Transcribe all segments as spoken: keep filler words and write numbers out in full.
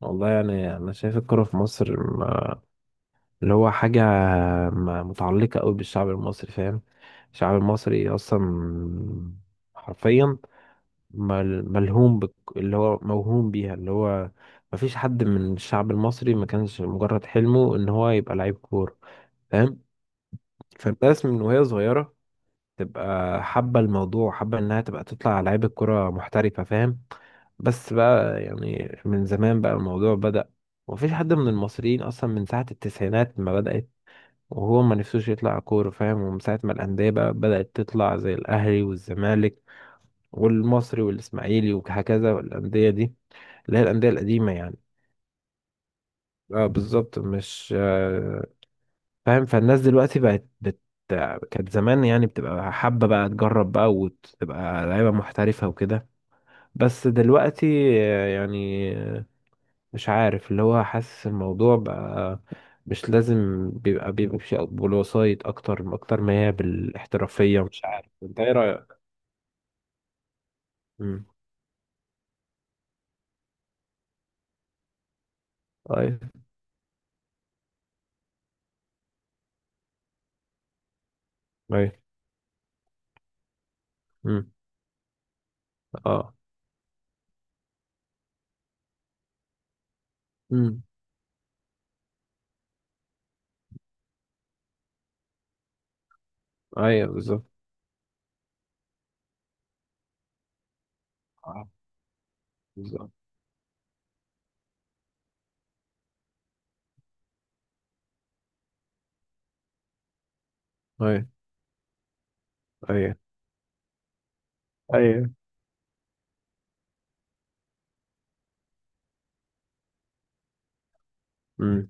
والله يعني انا شايف الكرة في مصر م- اللي هو حاجة م- متعلقة قوي بالشعب المصري، فاهم؟ الشعب المصري اصلا حرفيا مل- ملهوم بك، اللي هو موهوم بيها، اللي هو مفيش حد من الشعب المصري ما كانش مجرد حلمه ان هو يبقى لعيب كورة، فاهم؟ فالناس من وهي صغيرة تبقى حابة الموضوع، حابة إنها تبقى تطلع لعيبة كرة محترفة، فاهم؟ بس بقى يعني من زمان بقى الموضوع بدأ، ومفيش حد من المصريين أصلا من ساعة التسعينات ما بدأت وهو ما نفسوش يطلع كورة، فاهم؟ ومن ساعة ما الأندية بقى بدأت تطلع زي الأهلي والزمالك والمصري والإسماعيلي، وهكذا الأندية دي، اللي هي الأندية القديمة يعني. اه، بالظبط. مش؟ فاهم؟ فالناس دلوقتي بقت بت... كانت زمان يعني بتبقى حابة بقى تجرب بقى، وتبقى لعيبة محترفة وكده. بس دلوقتي، آه، يعني آه، مش عارف، اللي هو حاسس الموضوع بقى مش لازم بيبقى بيبقى بشيء- بالوسايط، أكتر أكتر ما هي بالاحترافية. مش عارف، أنت إيه رأيك؟ مم. أيوه، أيوه. مم. أه. مم. أيوه، بالظبط. أه، بالظبط. أيوه، أيوه، أيوه. مم.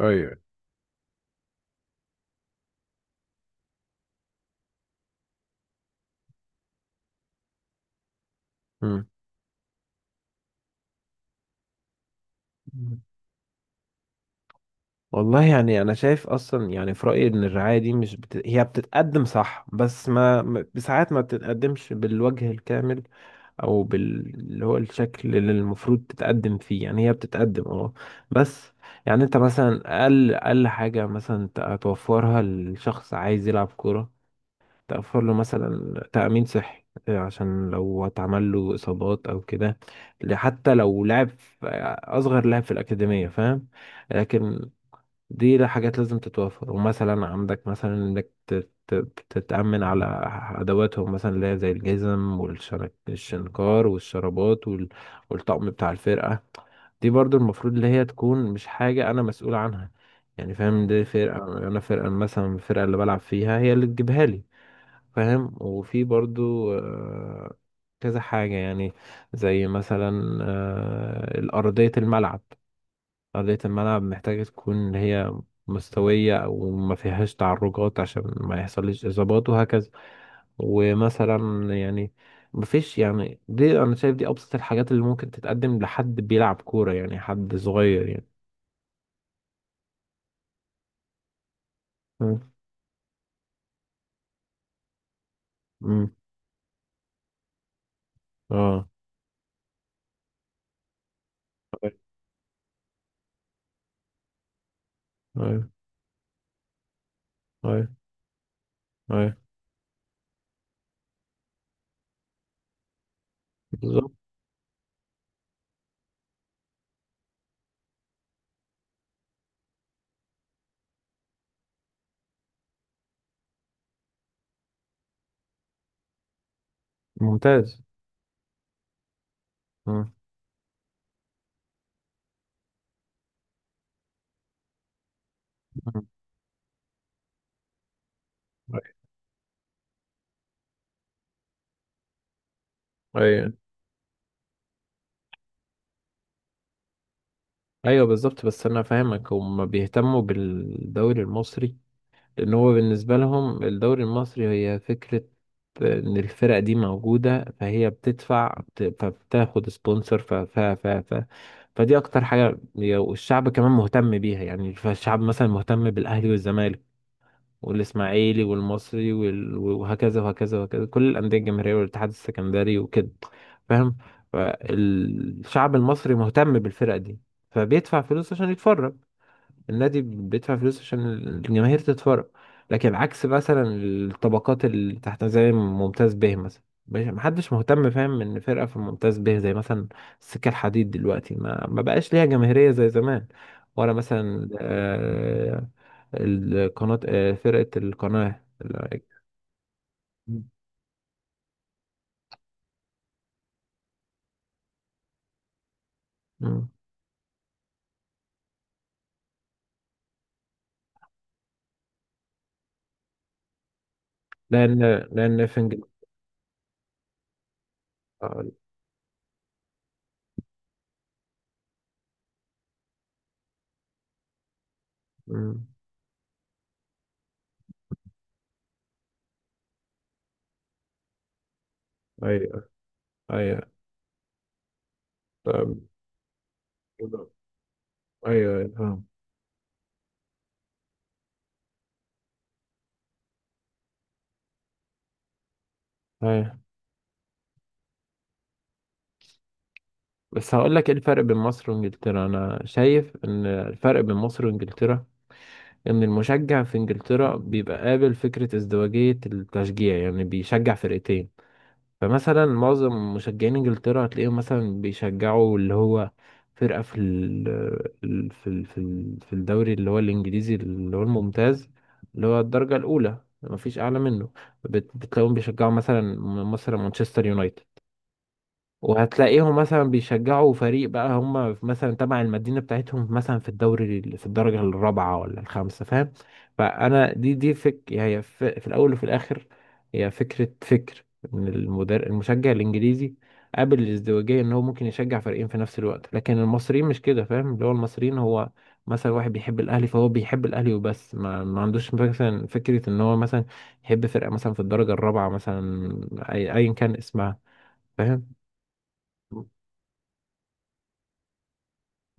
أيوه. مم. والله يعني انا شايف اصلا، يعني في رايي ان الرعايه دي مش بت... هي بتتقدم صح، بس ما ما- ساعات ما بتتقدمش بالوجه الكامل، او بال اللي هو الشكل اللي المفروض تتقدم فيه. يعني هي بتتقدم اه بس. يعني انت مثلا اقل اقل حاجه مثلا ت- توفرها لشخص عايز يلعب كوره، توفر له مثلا تامين صحي، آه، عشان لو اتعمل له اصابات او كده، حتى لو لعب في- آه، اصغر لاعب في الاكاديميه، فاهم؟ لكن دي لا حاجات لازم تتوفر. ومثلا عندك مثلا انك تت- تت- تتأمن على ادواتهم مثلا، اللي هي زي الجزم والشنكار والشرابات وال- والطقم بتاع الفرقة. دي برضو المفروض اللي هي تكون مش حاجة انا مسؤول عنها، يعني فاهم. دي فرقة، انا فرقة مثلا، الفرقة اللي بلعب فيها هي اللي تجيبها لي، فاهم؟ وفي برضو آه، كذا حاجة يعني، زي مثلا آه، الأرضية الملعب أرضية الملعب محتاجة تكون اللي هي مستوية أو ما فيهاش تعرجات، عشان ما يحصلش إصابات وهكذا. ومثلا، يعني مفيش يعني دي أنا شايف دي أبسط الحاجات اللي ممكن تتقدم لحد بيلعب كورة، يعني حد صغير يعني. مم. مم. اه، أيوة، أيوة، أيوة. أيوة. بالظبط. ممتاز. مم. مم. أيوة، أيوة، أيوة. بالظبط، بس أنا فاهمك، هما بيهتموا بالدوري المصري، لأن هو بالنسبة لهم الدوري المصري هي فكرة إن الفرق دي موجودة، فهي بتدفع بت- فبتاخد سبونسر، ف ف ف ف فدي أكتر حاجة. والشعب كمان مهتم بيها، يعني فالشعب مثلا مهتم بالأهلي والزمالك والإسماعيلي والمصري وال... وهكذا وهكذا وهكذا، كل الأندية الجماهيرية والاتحاد السكندري وكده، فاهم؟ فالشعب المصري مهتم بالفرق دي، فبيدفع فلوس عشان يتفرج، النادي بيدفع فلوس عشان الجماهير تتفرج. لكن عكس مثلا الطبقات اللي تحت زي ممتاز به مثلا، مش- محدش مهتم، فاهم؟ ان فرقة في ممتاز به زي مثلا السكة الحديد دلوقتي ما, ما بقاش ليها جماهيرية زي زمان، ولا مثلا، آه، القناة آه، فرقة القناة ال- مم. لأن لأن في إنجلترا. أيوه، أيوه. طب- أيوه، أيوه، فاهم. أيوه، بس هقول لك ايه الفرق بين مصر وانجلترا. انا شايف ان الفرق بين مصر وانجلترا ان المشجع في انجلترا بيبقى قابل فكرة ازدواجية التشجيع، يعني بيشجع فرقتين. فمثلا معظم مشجعين انجلترا هتلاقيهم مثلا بيشجعوا، اللي هو، فرقة في ال ال- في ال- في ال- في الدوري، اللي هو الانجليزي، اللي هو الممتاز، اللي هو الدرجة الاولى، مفيش اعلى منه. بت- بتلاقيهم بيشجعوا مثلا مصر مانشستر يونايتد، وهتلاقيهم مثلا بيشجعوا فريق بقى هم في- مثلا تبع المدينة بتاعتهم مثلا في الدوري ال- في الدرجة الرابعة ولا الخامسة، فاهم؟ فأنا دي دي فك هي ف- في الأول وفي الآخر، هي فكرة فكر إن المدر... المشجع الإنجليزي قابل الازدواجية، إن هو ممكن يشجع فريقين في نفس الوقت. لكن المصريين مش كده، فاهم؟ اللي هو المصريين هو مثلا واحد بيحب الأهلي، فهو بيحب الأهلي وبس، ما, ما عندوش مثلا فكرة إن هو مثلا يحب فرقة مثلا في الدرجة الرابعة مثلا، أي... أيا كان اسمها، فاهم؟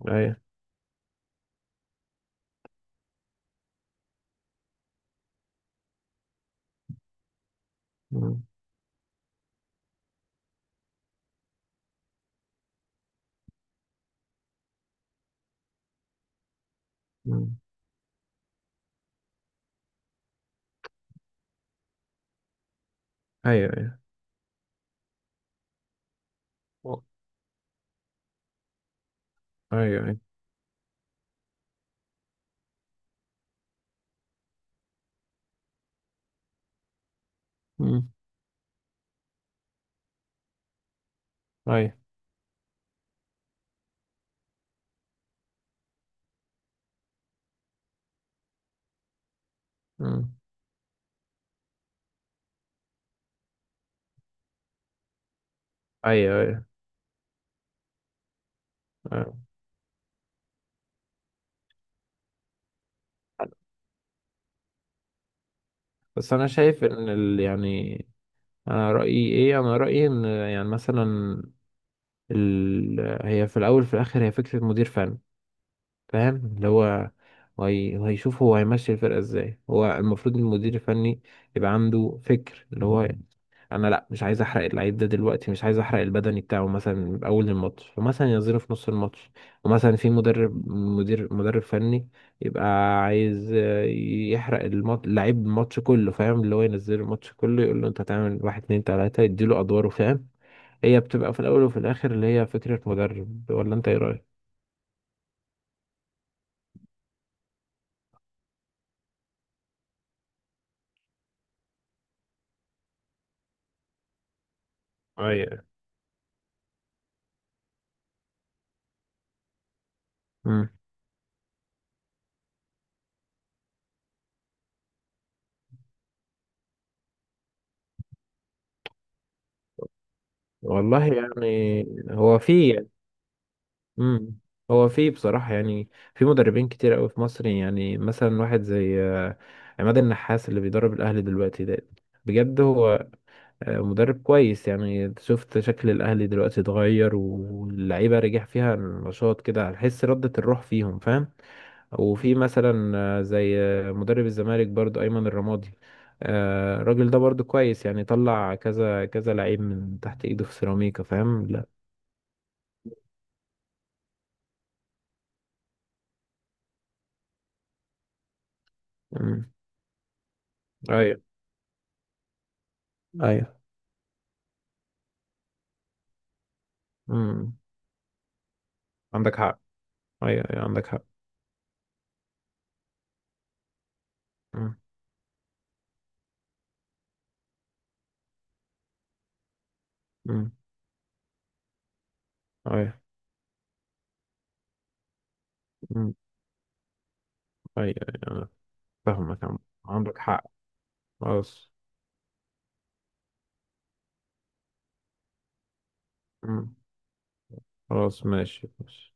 ايوه. مم. مم. ايوه، ايوه. و- ايوه، ايوه. مم. ايوه. مم. ايوه، ايوه، أيوة. بس انا شايف ان ال... يعني انا رايي ايه؟ انا رايي ان يعني مثلا ال... هي في الاول في الاخر هي فكره مدير فني، فاهم؟ اللي هو وهي- وهيشوف هو هيمشي الفرقة ازاي. هو المفروض المدير الفني يبقى عنده فكر، اللي هو انا لا، مش عايز احرق اللعيب ده دلوقتي، مش عايز احرق البدني بتاعه مثلا من اول الماتش، فمثلا ينزله في نص الماتش. ومثلا في مدرب مدير مدرب فني يبقى عايز آه، يحرق الماتش اللعيب الماتش كله، فاهم؟ اللي هو ينزله الماتش كله، يقول له انت هتعمل واحد اتنين تلاتة، يديله ادواره، فاهم؟ هي بتبقى في الاول وفي الاخر اللي هي فكرة مدرب، ولا انت ايه رأيك؟ ايوه. والله يعني هو في امم هو في بصراحة، يعني في مدربين كتير قوي في مصر، يعني مثلا واحد زي آه، عماد النحاس اللي بيدرب الأهلي دلوقتي ده، بجد هو آه، مدرب كويس. يعني شفت شكل الأهلي دلوقتي اتغير، واللعيبة رجع فيها النشاط كده، هتحس ردة الروح فيهم، فاهم؟ وفي مثلا آه، زي آه، مدرب الزمالك برضو أيمن الرمادي. آه، الراجل ده برضو كويس، يعني طلع كذا كذا لعيب من تحت ايده في سيراميكا، فاهم؟ لا، ايوه، ايوه. امم. عندك حق. ايوه، ايوه، عندك حق. امم. امم. ايوه. امم. ايوه، ايوه. أنا فاهمك يا عم- عندك حق. خلاص. امم. خلاص، ماشي ماشي.